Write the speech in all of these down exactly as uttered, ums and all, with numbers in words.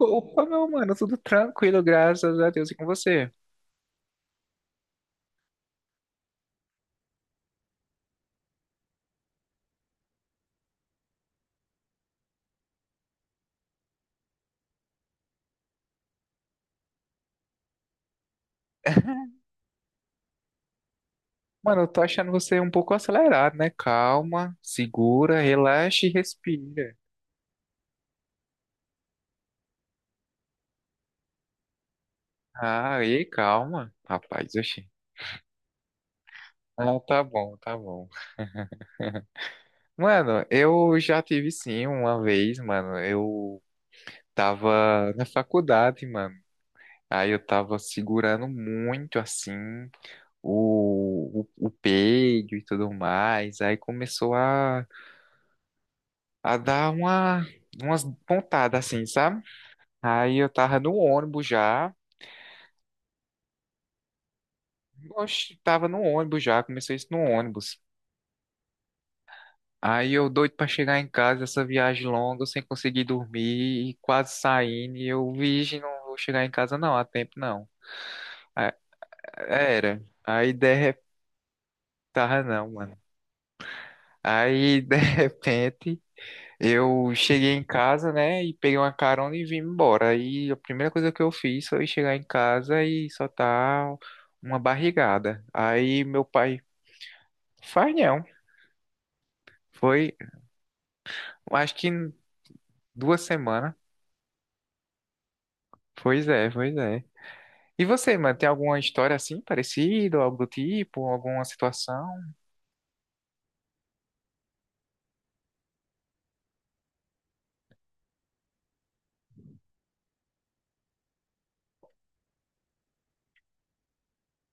Opa, meu mano, tudo tranquilo, graças a Deus e com você. Mano, eu tô achando você um pouco acelerado, né? Calma, segura, relaxa e respira. Ah, e calma, rapaz, oxi. Ah, tá bom, tá bom. Mano, eu já tive sim uma vez, mano. Eu tava na faculdade, mano. Aí eu tava segurando muito assim o, o, o peido e tudo mais. Aí começou a a dar uma, umas pontadas assim, sabe? Aí eu tava no ônibus já, oxe, tava no ônibus já, começou isso no ônibus. Aí eu doido pra chegar em casa, essa viagem longa, sem conseguir dormir, e quase saindo, e eu, virgem, não vou chegar em casa não, há tempo não. A- Era, aí de repente, tava não, mano. Aí de repente. Eu cheguei em casa, né, e peguei uma carona e vim embora. Aí a primeira coisa que eu fiz foi chegar em casa e soltar uma barrigada. Aí meu pai, faz não. Foi, acho que em duas semanas. Pois é, pois é. E você, mano, tem alguma história assim, parecida, ou algo do tipo, alguma situação?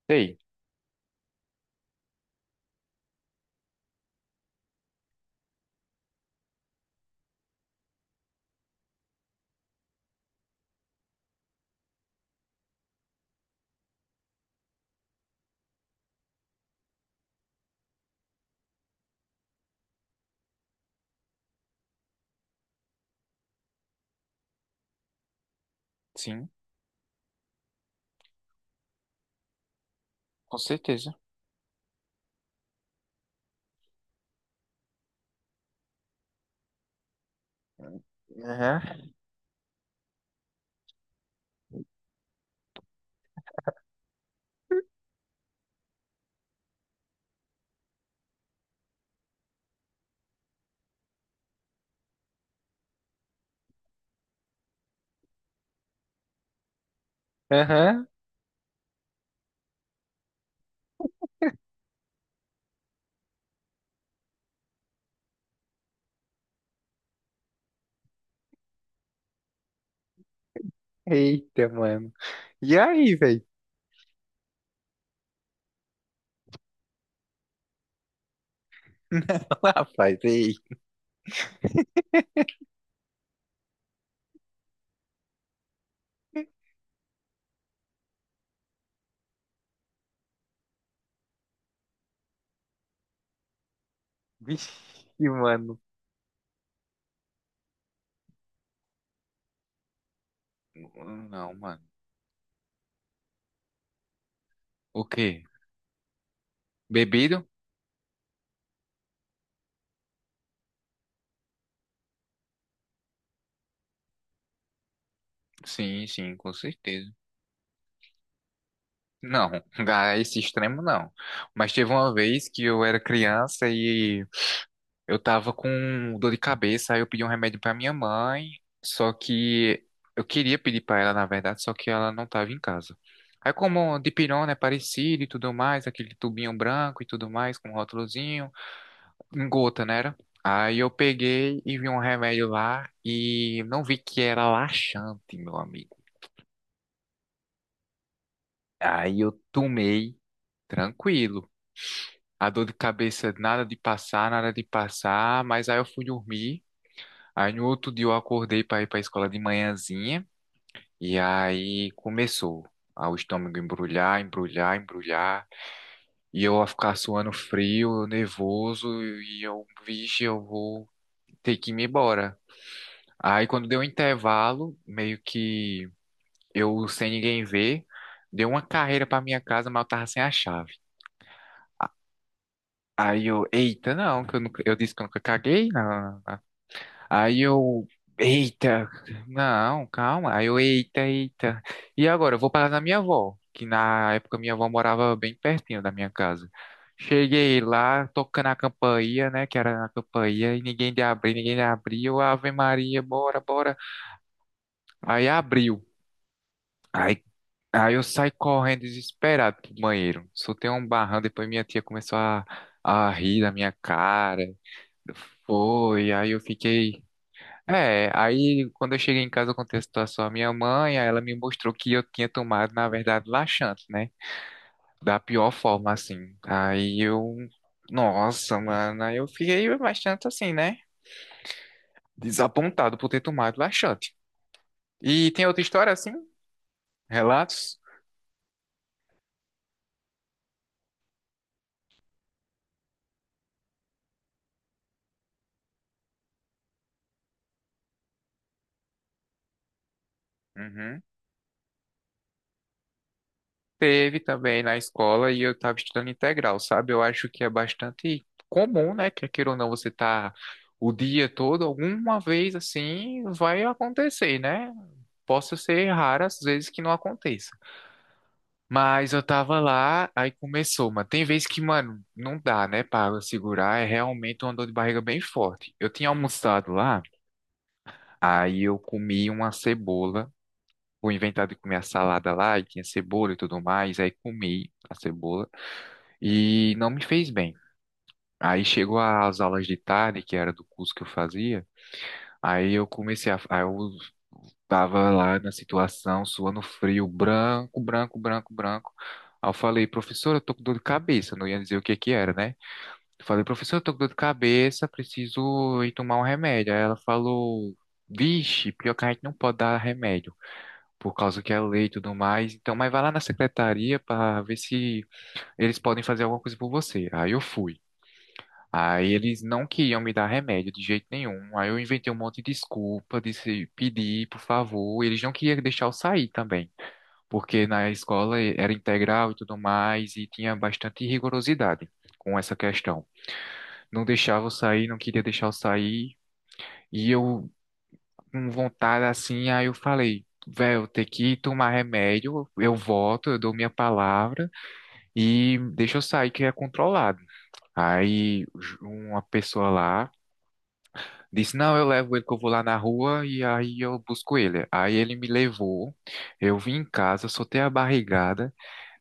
Sei, sim, com certeza. Aham, aham. Eita, mano. E aí, velho? Rapaz, ei. Vixe, mano. Não, mano. O quê? Bebido? Sim, sim, com certeza. Não, a esse extremo não. Mas teve uma vez que eu era criança e eu tava com dor de cabeça, aí eu pedi um remédio pra minha mãe, só que eu queria pedir pra ela, na verdade, só que ela não tava em casa. Aí como dipirona é parecido e tudo mais, aquele tubinho branco e tudo mais, com um rótulozinho, em gota, né? Era? Aí eu peguei e vi um remédio lá e não vi que era laxante, meu amigo. Aí eu tomei tranquilo. A dor de cabeça, nada de passar, nada de passar, mas aí eu fui dormir. Aí no outro dia eu acordei para ir para a escola de manhãzinha e aí começou a o estômago embrulhar, embrulhar, embrulhar, e eu a ficar suando frio, nervoso e eu, vixe, eu vou ter que ir me embora. Aí quando deu um intervalo, meio que eu sem ninguém ver, deu uma carreira para minha casa, mas eu tava sem a chave. Aí eu, eita, não, que eu, nunca, eu disse que eu nunca caguei, não. Não. Aí eu, eita, não, calma. Aí eu, eita, eita. E agora, eu vou parar na minha avó, que na época minha avó morava bem pertinho da minha casa. Cheguei lá, tocando a campainha, né, que era na campainha, e ninguém de abrir, ninguém de abrir. Eu, Ave Maria, bora, bora. Aí abriu. Aí, aí eu saí correndo desesperado pro banheiro. Soltei um barrão, depois minha tia começou a, a rir da minha cara. Foi, aí eu fiquei. É, aí quando eu cheguei em casa, eu contei a situação à minha mãe, aí ela me mostrou que eu tinha tomado, na verdade, laxante, né? Da pior forma, assim. Aí eu. Nossa, mano, aí eu fiquei bastante assim, né? Desapontado por ter tomado laxante. E tem outra história assim? Relatos? Uhum. Teve também na escola e eu estava estudando integral, sabe? Eu acho que é bastante comum, né? Que queira ou não você tá o dia todo, alguma vez assim vai acontecer, né? Posso ser raro às vezes que não aconteça. Mas eu tava lá, aí começou, mano. Tem vezes que, mano, não dá, né, para segurar. É realmente uma dor de barriga bem forte. Eu tinha almoçado lá, aí eu comi uma cebola. Vou inventar de comer a salada lá e tinha cebola e tudo mais. Aí comi a cebola e não me fez bem. Aí chegou as aulas de tarde, que era do curso que eu fazia. Aí eu comecei a. Aí eu tava lá na situação, suando frio, branco, branco, branco, branco. Aí eu falei, professora, eu tô com dor de cabeça. Eu não ia dizer o que que era, né? Eu falei, professora, eu tô com dor de cabeça, preciso ir tomar um remédio. Aí ela falou, vixe, pior que a gente não pode dar remédio por causa que é lei e tudo mais. Então, mas vai lá na secretaria para ver se eles podem fazer alguma coisa por você. Aí eu fui. Aí eles não queriam me dar remédio de jeito nenhum. Aí eu inventei um monte de desculpa, disse pedir, por favor. Eles não queriam deixar eu sair também, porque na escola era integral e tudo mais e tinha bastante rigorosidade com essa questão. Não deixava eu sair, não queria deixar eu sair. E eu com vontade assim, aí eu falei, velho, tem que tomar remédio, eu volto, eu dou minha palavra e deixa eu sair que é controlado. Aí ju- uma pessoa lá disse, não, eu levo ele que eu vou lá na rua e aí eu busco ele. Aí ele me levou, eu vim em casa, soltei a barrigada,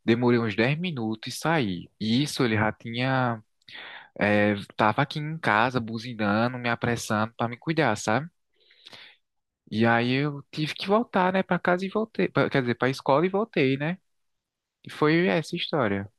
demorei uns dez minutos e saí. E isso ele já tinha, eh, tava aqui em casa buzinando, me apressando para me cuidar, sabe? E aí eu tive que voltar, né, pra casa e voltei, pra- quer dizer, pra escola e voltei, né? E foi essa história,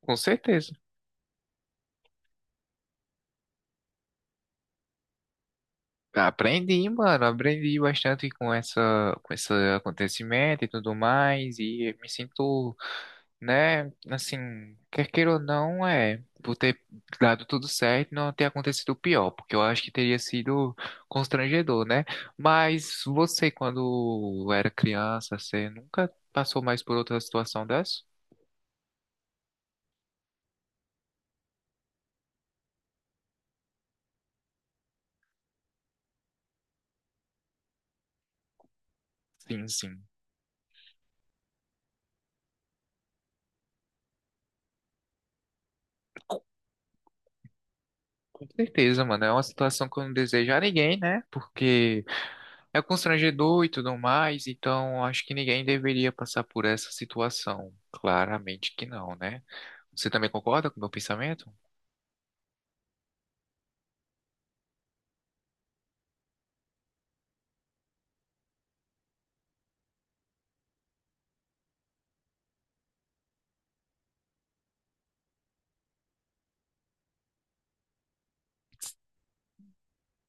com certeza. Aprendi, mano, aprendi bastante com essa, com esse acontecimento e tudo mais, e me sinto, né, assim, quer queira ou não, é, por ter dado tudo certo, e não ter acontecido o pior, porque eu acho que teria sido constrangedor, né? Mas você, quando era criança, você nunca passou mais por outra situação dessa? Sim, sim. Com certeza, mano. É uma situação que eu não desejo a ninguém, né? Porque é constrangedor e tudo mais, então acho que ninguém deveria passar por essa situação. Claramente que não, né? Você também concorda com o meu pensamento?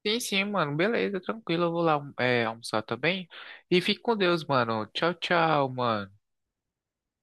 Sim, sim, mano. Beleza, tranquilo. Eu vou lá, é, almoçar também. E fique com Deus, mano. Tchau, tchau, mano.